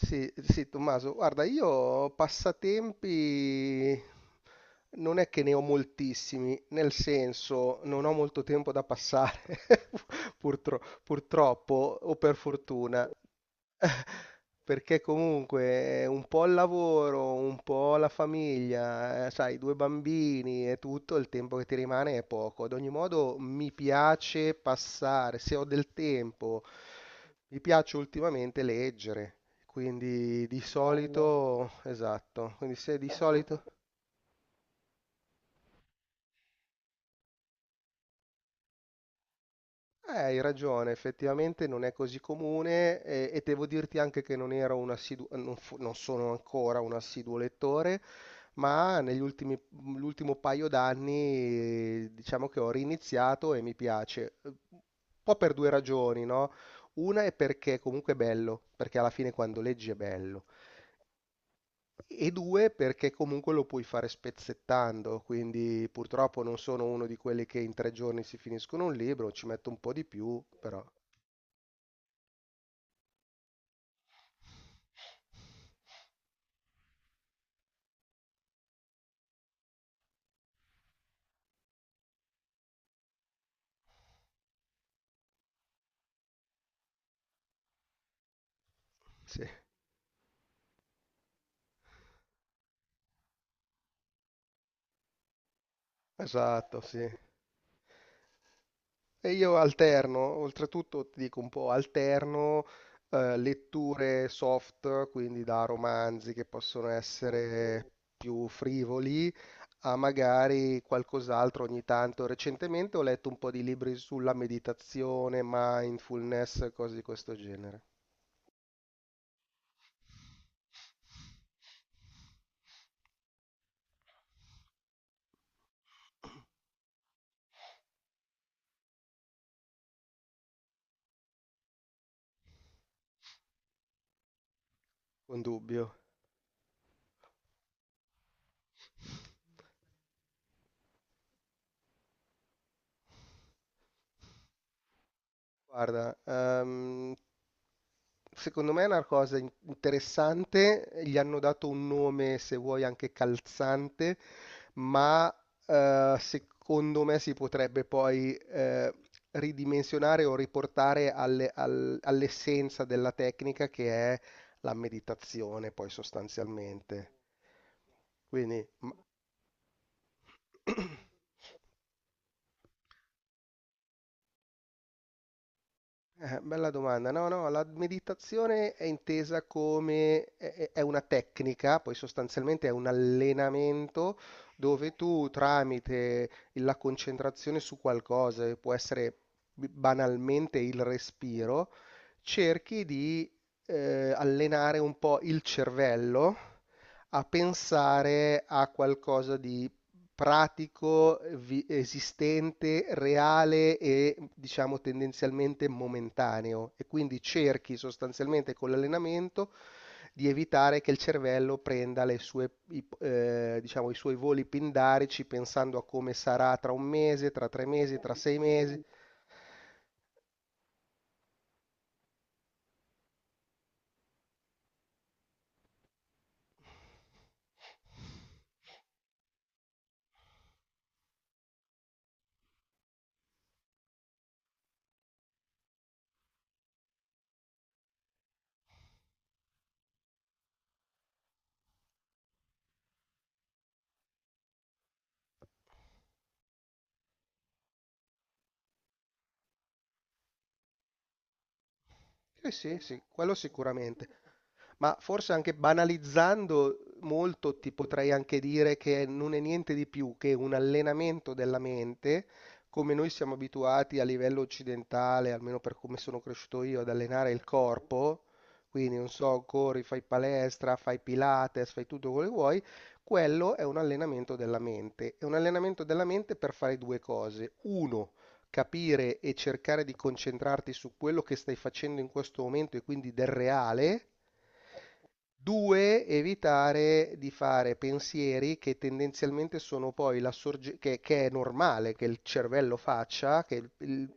Sì, sì, Tommaso, guarda, io passatempi non è che ne ho moltissimi, nel senso non ho molto tempo da passare, purtroppo o per fortuna, perché comunque un po' il lavoro, un po' la famiglia, sai, due bambini e tutto, il tempo che ti rimane è poco. Ad ogni modo mi piace passare, se ho del tempo, mi piace ultimamente leggere. Quindi di Bello. Solito, esatto, quindi se di solito, hai ragione, effettivamente non è così comune e devo dirti anche che non ero un assiduo, non sono ancora un assiduo lettore, ma negli ultimi, l'ultimo paio d'anni diciamo che ho riniziato e mi piace. Un po' per due ragioni, no? Una è perché comunque è bello, perché alla fine quando leggi è bello. E due, perché comunque lo puoi fare spezzettando, quindi purtroppo non sono uno di quelli che in tre giorni si finiscono un libro, ci metto un po' di più, però sì, esatto, sì. E io alterno, oltretutto ti dico un po', alterno letture soft, quindi da romanzi che possono essere più frivoli, a magari qualcos'altro ogni tanto. Recentemente ho letto un po' di libri sulla meditazione, mindfulness, cose di questo genere. Un dubbio. Guarda, secondo me è una cosa interessante, gli hanno dato un nome, se vuoi, anche calzante, ma secondo me si potrebbe poi ridimensionare o riportare all'essenza della tecnica che è la meditazione, poi sostanzialmente. Quindi... Bella domanda. No, no, la meditazione è intesa come è una tecnica, poi sostanzialmente è un allenamento dove tu tramite la concentrazione su qualcosa, che può essere banalmente il respiro, cerchi di allenare un po' il cervello a pensare a qualcosa pratico, esistente, reale e diciamo tendenzialmente momentaneo e quindi cerchi sostanzialmente con l'allenamento di evitare che il cervello prenda le sue, diciamo, i suoi voli pindarici pensando a come sarà tra un mese, tra tre mesi, tra sei mesi. Eh sì, sì, quello sicuramente. Ma forse anche banalizzando molto ti potrei anche dire che non è niente di più che un allenamento della mente, come noi siamo abituati a livello occidentale, almeno per come sono cresciuto io, ad allenare il corpo. Quindi, non so, corri, fai palestra, fai pilates, fai tutto quello che vuoi. Quello è un allenamento della mente. È un allenamento della mente per fare due cose. Uno, capire e cercare di concentrarti su quello che stai facendo in questo momento e quindi del reale. Due, evitare di fare pensieri che tendenzialmente sono poi la che è normale che il cervello faccia,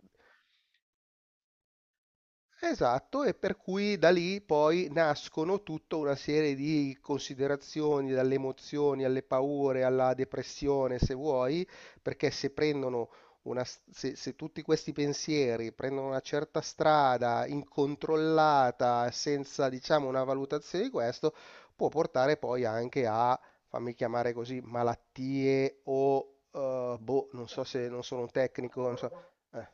esatto, e per cui da lì poi nascono tutta una serie di considerazioni, dalle emozioni alle paure, alla depressione, se vuoi, perché se prendono una, s- se, se tutti questi pensieri prendono una certa strada incontrollata, senza, diciamo, una valutazione di questo, può portare poi anche a, fammi chiamare così, malattie o, boh, non so, se non sono un tecnico, non so. Eh.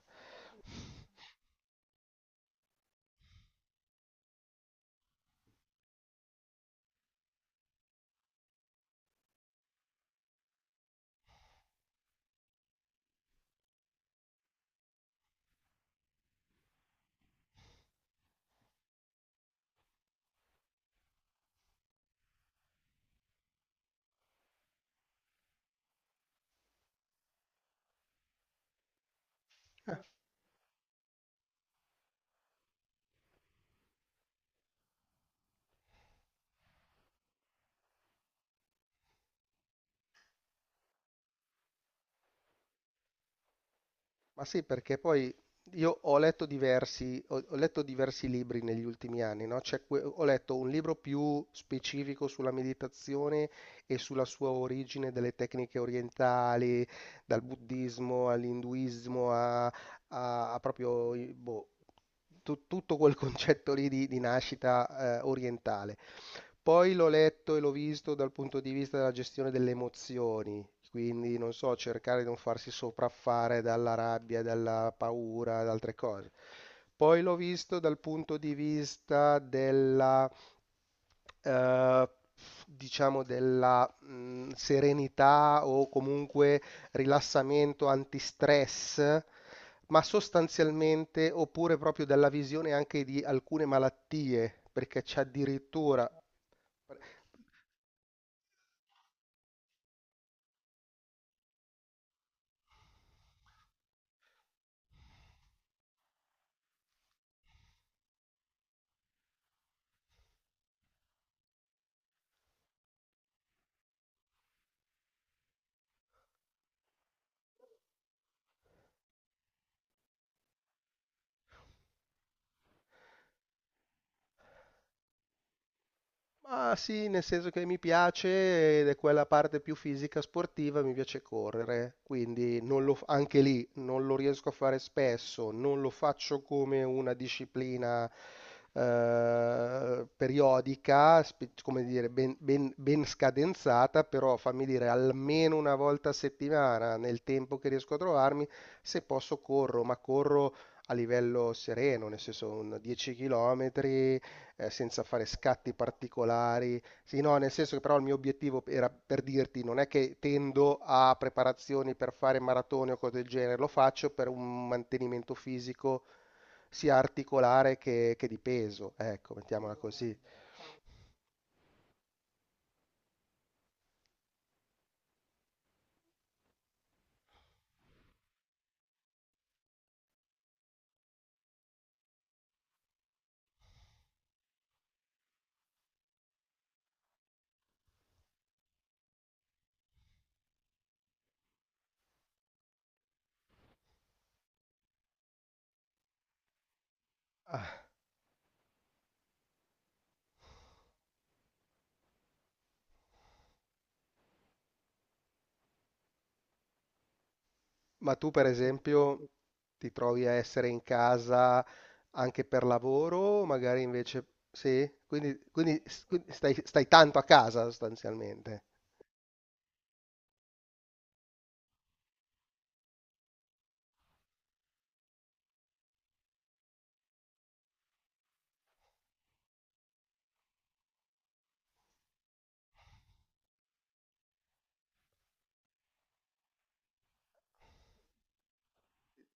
Ma sì, perché poi io ho letto diversi, ho letto diversi libri negli ultimi anni, no? Ho letto un libro più specifico sulla meditazione e sulla sua origine delle tecniche orientali, dal buddismo all'induismo a proprio boh, tutto quel concetto lì di nascita orientale. Poi l'ho letto e l'ho visto dal punto di vista della gestione delle emozioni, quindi non so, cercare di non farsi sopraffare dalla rabbia, dalla paura, da altre cose. Poi l'ho visto dal punto di vista della, eh, diciamo, della serenità o comunque rilassamento, antistress, ma sostanzialmente oppure proprio dalla visione anche di alcune malattie, perché c'è addirittura... Ma sì, nel senso che mi piace ed è quella parte più fisica sportiva, mi piace correre, quindi non lo- anche lì non lo riesco a fare spesso, non lo faccio come una disciplina periodica, come dire, ben scadenzata, però fammi dire almeno una volta a settimana nel tempo che riesco a trovarmi, se posso corro, ma corro a livello sereno, nel senso un 10 km senza fare scatti particolari. Sì, no, nel senso che però il mio obiettivo era per dirti, non è che tendo a preparazioni per fare maratone o cose del genere, lo faccio per un mantenimento fisico sia articolare che di peso, ecco, mettiamola così. Ah, ma tu, per esempio, ti trovi a essere in casa anche per lavoro, magari invece sì, quindi stai, stai tanto a casa sostanzialmente,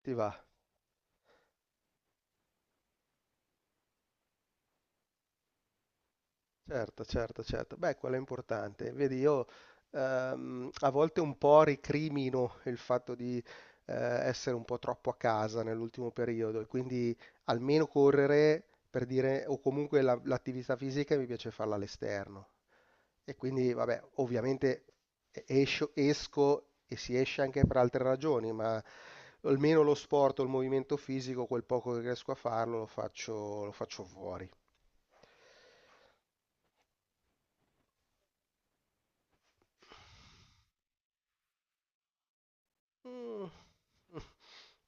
ti va? Certo, certo, certo. Beh, quello è importante. Vedi, io a volte un po' recrimino il fatto di essere un po' troppo a casa nell'ultimo periodo e quindi almeno correre per dire, o comunque l'attività fisica mi piace farla all'esterno. E quindi, vabbè, ovviamente esco e si esce anche per altre ragioni, ma almeno lo sport o il movimento fisico, quel poco che riesco a farlo, lo faccio fuori. Mm,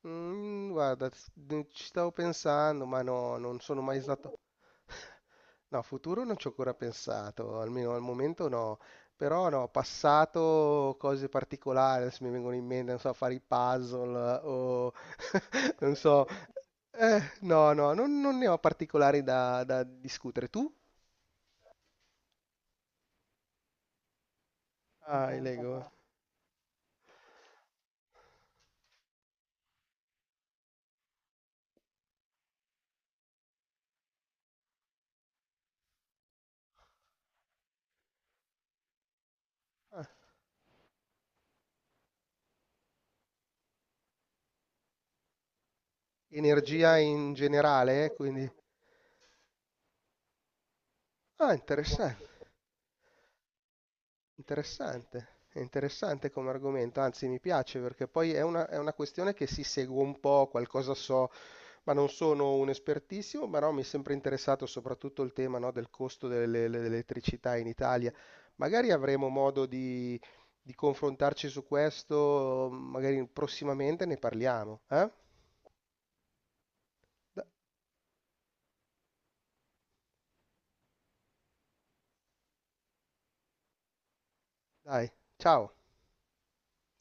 Mm, guarda, ci stavo pensando, ma no, non sono mai stato... No, futuro non ci ho ancora pensato, almeno al momento no. Però no, passato cose particolari, adesso mi vengono in mente, non so, fare i puzzle o non so... no, no, non ne ho particolari da, da discutere. Tu? Ah, i Lego. Ah, energia in generale, quindi... Ah, interessante, è interessante come argomento, anzi mi piace perché poi è una questione che si segue un po', qualcosa so, ma non sono un espertissimo, ma no, mi è sempre interessato soprattutto il tema, no, del costo dell'elettricità in Italia. Magari avremo modo di confrontarci su questo, magari prossimamente ne parliamo, eh? Da- Dai, ciao!